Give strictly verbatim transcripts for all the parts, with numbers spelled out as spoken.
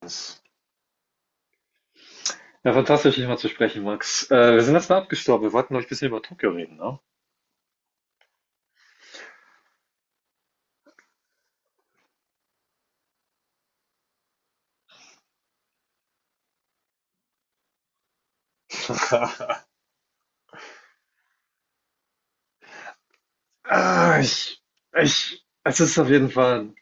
Das- Ja, fantastisch, dich mal zu sprechen, Max. Äh, wir sind jetzt mal abgestorben. Wir wollten, glaube ein bisschen über Tokio reden, ne? Ah, ich, ich, Es ist auf jeden Fall,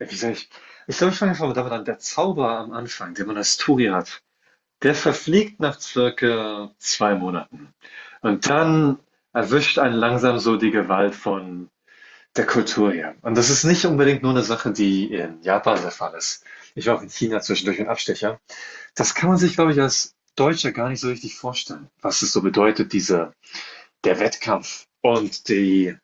ja, wie sag ich, ich glaube, ich fange einfach mal damit an. Der Zauber am Anfang, den man als Touri hat, der verfliegt nach circa zwei Monaten. Und dann erwischt einen langsam so die Gewalt von der Kultur her. Und das ist nicht unbedingt nur eine Sache, die in Japan der Fall ist. Ich war auch in China zwischendurch ein Abstecher. Das kann man sich, glaube ich, als Deutscher gar nicht so richtig vorstellen, was es so bedeutet, diese der Wettkampf und die,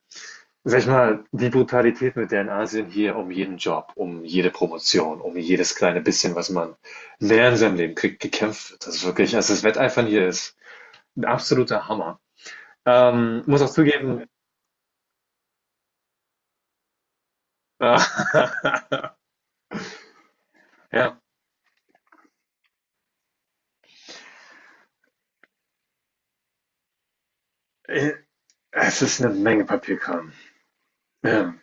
sag ich mal, die Brutalität, mit der in Asien hier um jeden Job, um jede Promotion, um jedes kleine bisschen, was man mehr in seinem Leben kriegt, gekämpft wird. Das ist wirklich, also das Wetteifern hier ist ein absoluter Hammer. Ähm, muss auch zugeben, äh, ja, äh, es ist eine Menge Papierkram. Ja.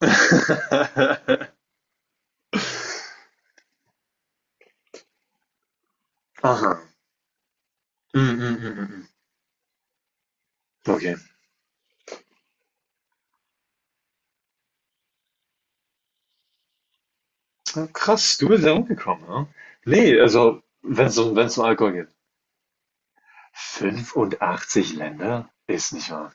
Aha. Mm, mm, mm, mm. Mm. Okay. Ja, krass, du bist ja umgekommen, ne? Nee, also, wenn es um, wenn es um Alkohol geht. Fünfundachtzig Länder? Ist nicht wahr.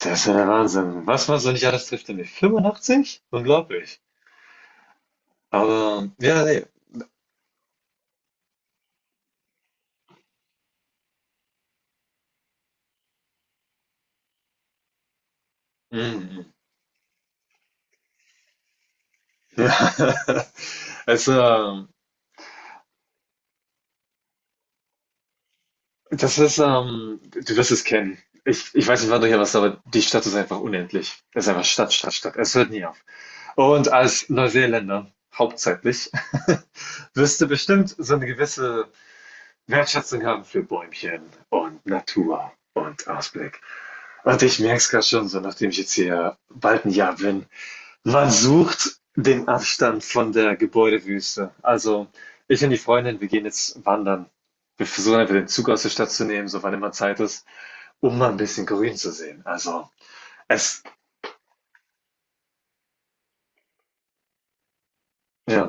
Das ist ja der Wahnsinn. Was man so nicht alles trifft in die Fünfundachtzig? Unglaublich. Aber, ja, nee. Mhm. Ja. Es, ähm, Das ist, ähm, du wirst es kennen. Ich, ich weiß nicht, wann du hier warst, aber die Stadt ist einfach unendlich. Es ist einfach Stadt, Stadt, Stadt. Es hört nie auf. Und als Neuseeländer, hauptsächlich, wirst du bestimmt so eine gewisse wertschätzen kann für Bäumchen und Natur und Ausblick. Und ich merke es gerade schon so, nachdem ich jetzt hier bald ein Jahr bin. Man sucht den Abstand von der Gebäudewüste. Also ich und die Freundin, wir gehen jetzt wandern. Wir versuchen einfach den Zug aus der Stadt zu nehmen, so wann immer Zeit ist, um mal ein bisschen grün zu sehen. Also es, ja,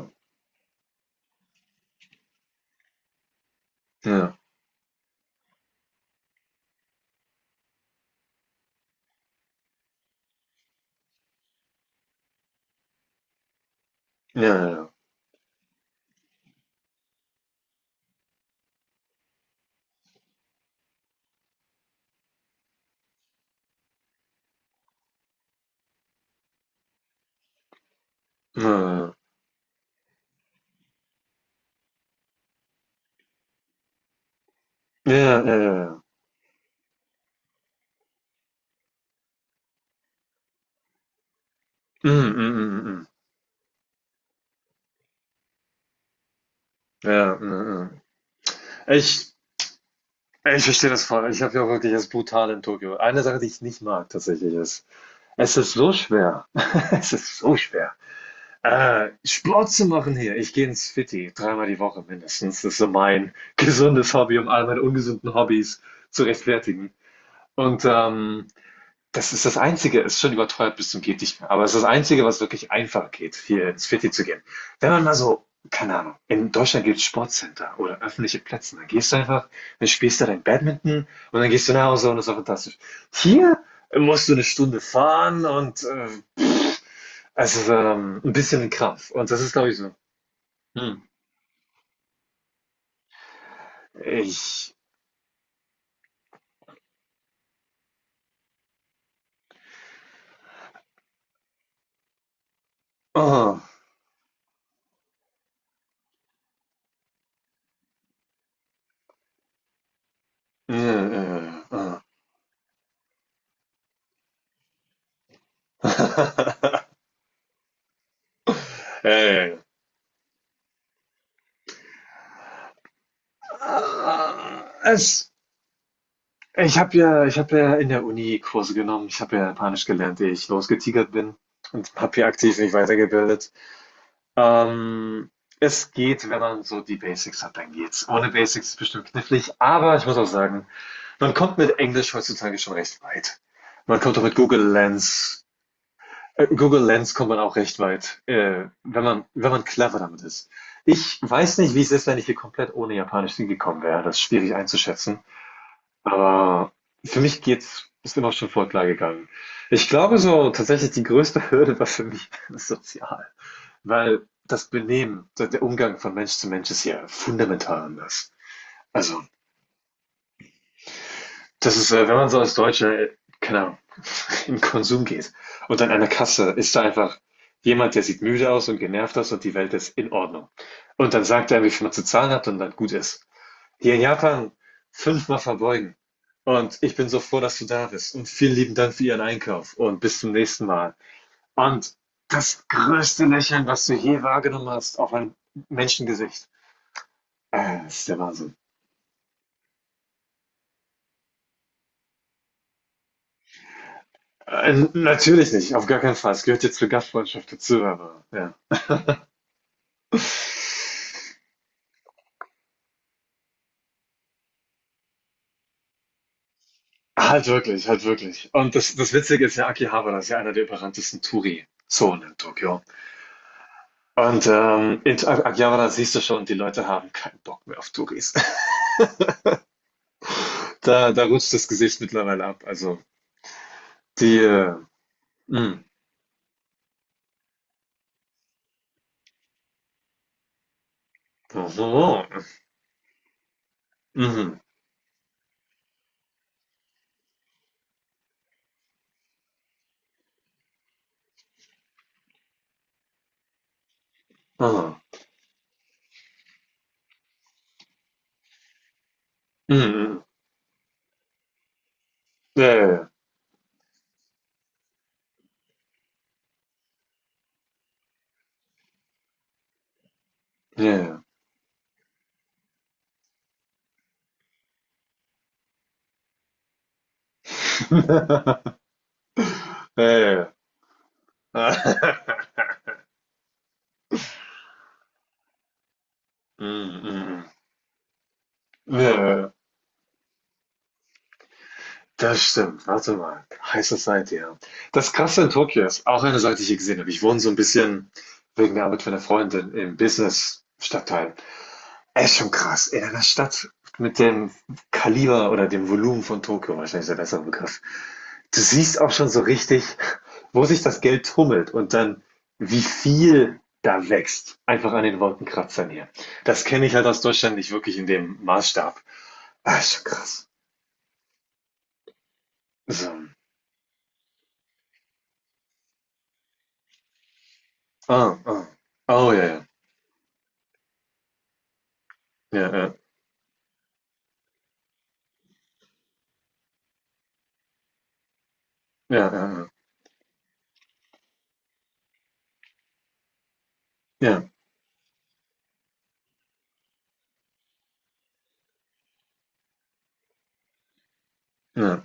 ja, ja, ja, ja, ja, ja, ja, ja, ja, ja, ja, ja, ja, ja, ja, ja. Ich Ich verstehe das voll. Ich habe ja auch wirklich das brutal in Tokio. Eine Sache, die ich nicht mag tatsächlich ist, es ist so schwer. Es ist so schwer. Äh, Sport zu machen hier. Ich gehe ins Fitti dreimal die Woche mindestens. Das ist so mein gesundes Hobby, um all meine ungesunden Hobbys zu rechtfertigen. Und ähm, das ist das Einzige, ist schon überteuert bis zum geht nicht mehr, aber es ist das Einzige, was wirklich einfach geht, hier ins Fitti zu gehen. Wenn man mal so, keine Ahnung, in Deutschland gibt es Sportcenter oder öffentliche Plätze, dann gehst du einfach, dann spielst du dein Badminton und dann gehst du nach Hause und das ist doch fantastisch. Hier musst du eine Stunde fahren und äh, also ähm, ein bisschen ein Krampf. Und das ist, glaube ich, so. Hm. Ich. Oh. Äh, äh, oh. Äh, äh, äh. es Ich habe ja, ich habe ja in der Uni Kurse genommen. Ich habe ja Japanisch gelernt, ehe ich losgetigert bin und habe hier aktiv mich weitergebildet. Ähm, Es geht, wenn man so die Basics hat, dann geht's. Ohne Basics ist bestimmt knifflig, aber ich muss auch sagen, man kommt mit Englisch heutzutage schon recht weit. Man kommt auch mit Google Lens. Äh, Google Lens kommt man auch recht weit, äh, wenn man, wenn man clever damit ist. Ich weiß nicht, wie es ist, wenn ich hier komplett ohne Japanisch hingekommen wäre. Das ist schwierig einzuschätzen. Aber für mich geht's, ist immer schon voll klar gegangen. Ich glaube so, tatsächlich die größte Hürde war für mich sozial. Weil das Benehmen, der der Umgang von Mensch zu Mensch ist ja fundamental anders. Also, das ist, äh, wenn man so als Deutscher, äh, keine Ahnung, in den Konsum geht und an einer Kasse ist da einfach jemand, der sieht müde aus und genervt aus und die Welt ist in Ordnung. Und dann sagt er, wie viel man zu zahlen hat und dann gut ist. Hier in Japan fünfmal verbeugen. Und ich bin so froh, dass du da bist. Und vielen lieben Dank für Ihren Einkauf. Und bis zum nächsten Mal. Und das größte Lächeln, was du je wahrgenommen hast, auf ein Menschengesicht. Äh, das ist der Wahnsinn. Äh, natürlich nicht, auf gar keinen Fall. Es gehört jetzt zur Gastfreundschaft dazu, aber ja. Halt wirklich, halt wirklich. Und das, das Witzige ist ja, Akihabara ist ja einer der überranntesten Touri-Zonen in Tokio. Und ähm, in Akihabara siehst du schon, die Leute haben keinen Bock mehr auf Touris. Da da rutscht das Gesicht mittlerweile ab. Also, die, äh, mhm. Mhm. Aha. Mhm, mhm. Ja, ja, ja. Ja, ja. Ja, ja, ja. Mhm, mhm. Ja, ja, ja. Das stimmt. Warte mal. High Society, ja. Das Krasse in Tokio ist auch eine Seite, die ich hier gesehen habe. Ich wohne so ein bisschen wegen der Arbeit von 'ner Freundin im Business-Stadtteil. Echt schon krass. In einer Stadt mit dem Kaliber oder dem Volumen von Tokio, wahrscheinlich ist der bessere Begriff. Du siehst auch schon so richtig, wo sich das Geld tummelt und dann, wie viel da wächst. Einfach an den Wolkenkratzern hier. Das kenne ich halt aus Deutschland nicht wirklich in dem Maßstab. Ah, ist schon krass. So. Ah, ah. Oh, ja, ja. Ja, ja, ja, ja, ja. Ja, ja.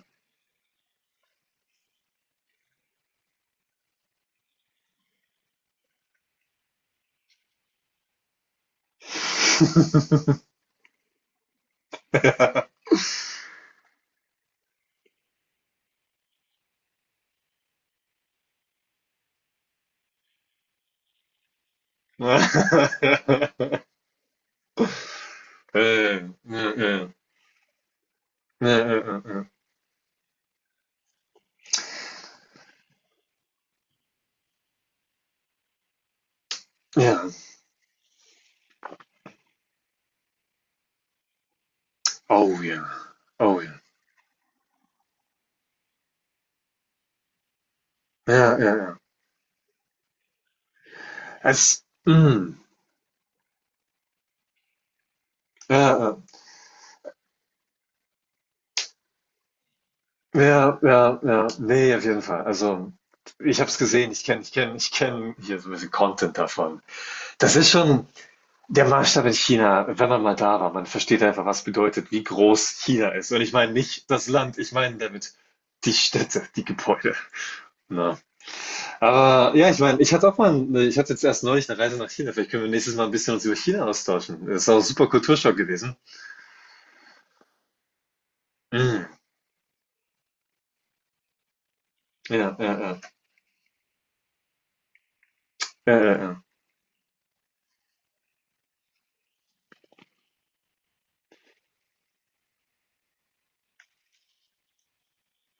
Äh, ja, ja, ja, ja, ja. Ja, Ja. Oh ja. Oh ja. Ja, ja, ja. Es, mm, ja, ja, ja, ja, ja. Nee, auf jeden Fall. Also, ich habe es gesehen, ich kenne ich kenne ich kenne hier so ein bisschen Content davon. Das ist schon der Maßstab in China, wenn man mal da war. Man versteht einfach, was bedeutet, wie groß China ist. Und ich meine nicht das Land, ich meine damit die Städte, die Gebäude, Na, aber ja, ich meine, ich hatte auch mal 'n ich hatte jetzt erst neulich eine Reise nach China. Vielleicht können wir nächstes Mal ein bisschen uns über China austauschen. Das ist auch ein super Kulturschock gewesen. Mhm. Ja, ja, ja. Ja, ja, ja.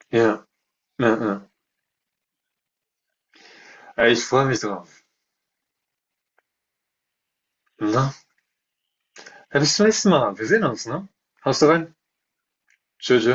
Ja, ja, ja. Äh, ich freue mich drauf, na. Ja, bis zum nächsten Mal. Wir sehen uns, ne? Haust rein. Tschö, tschö.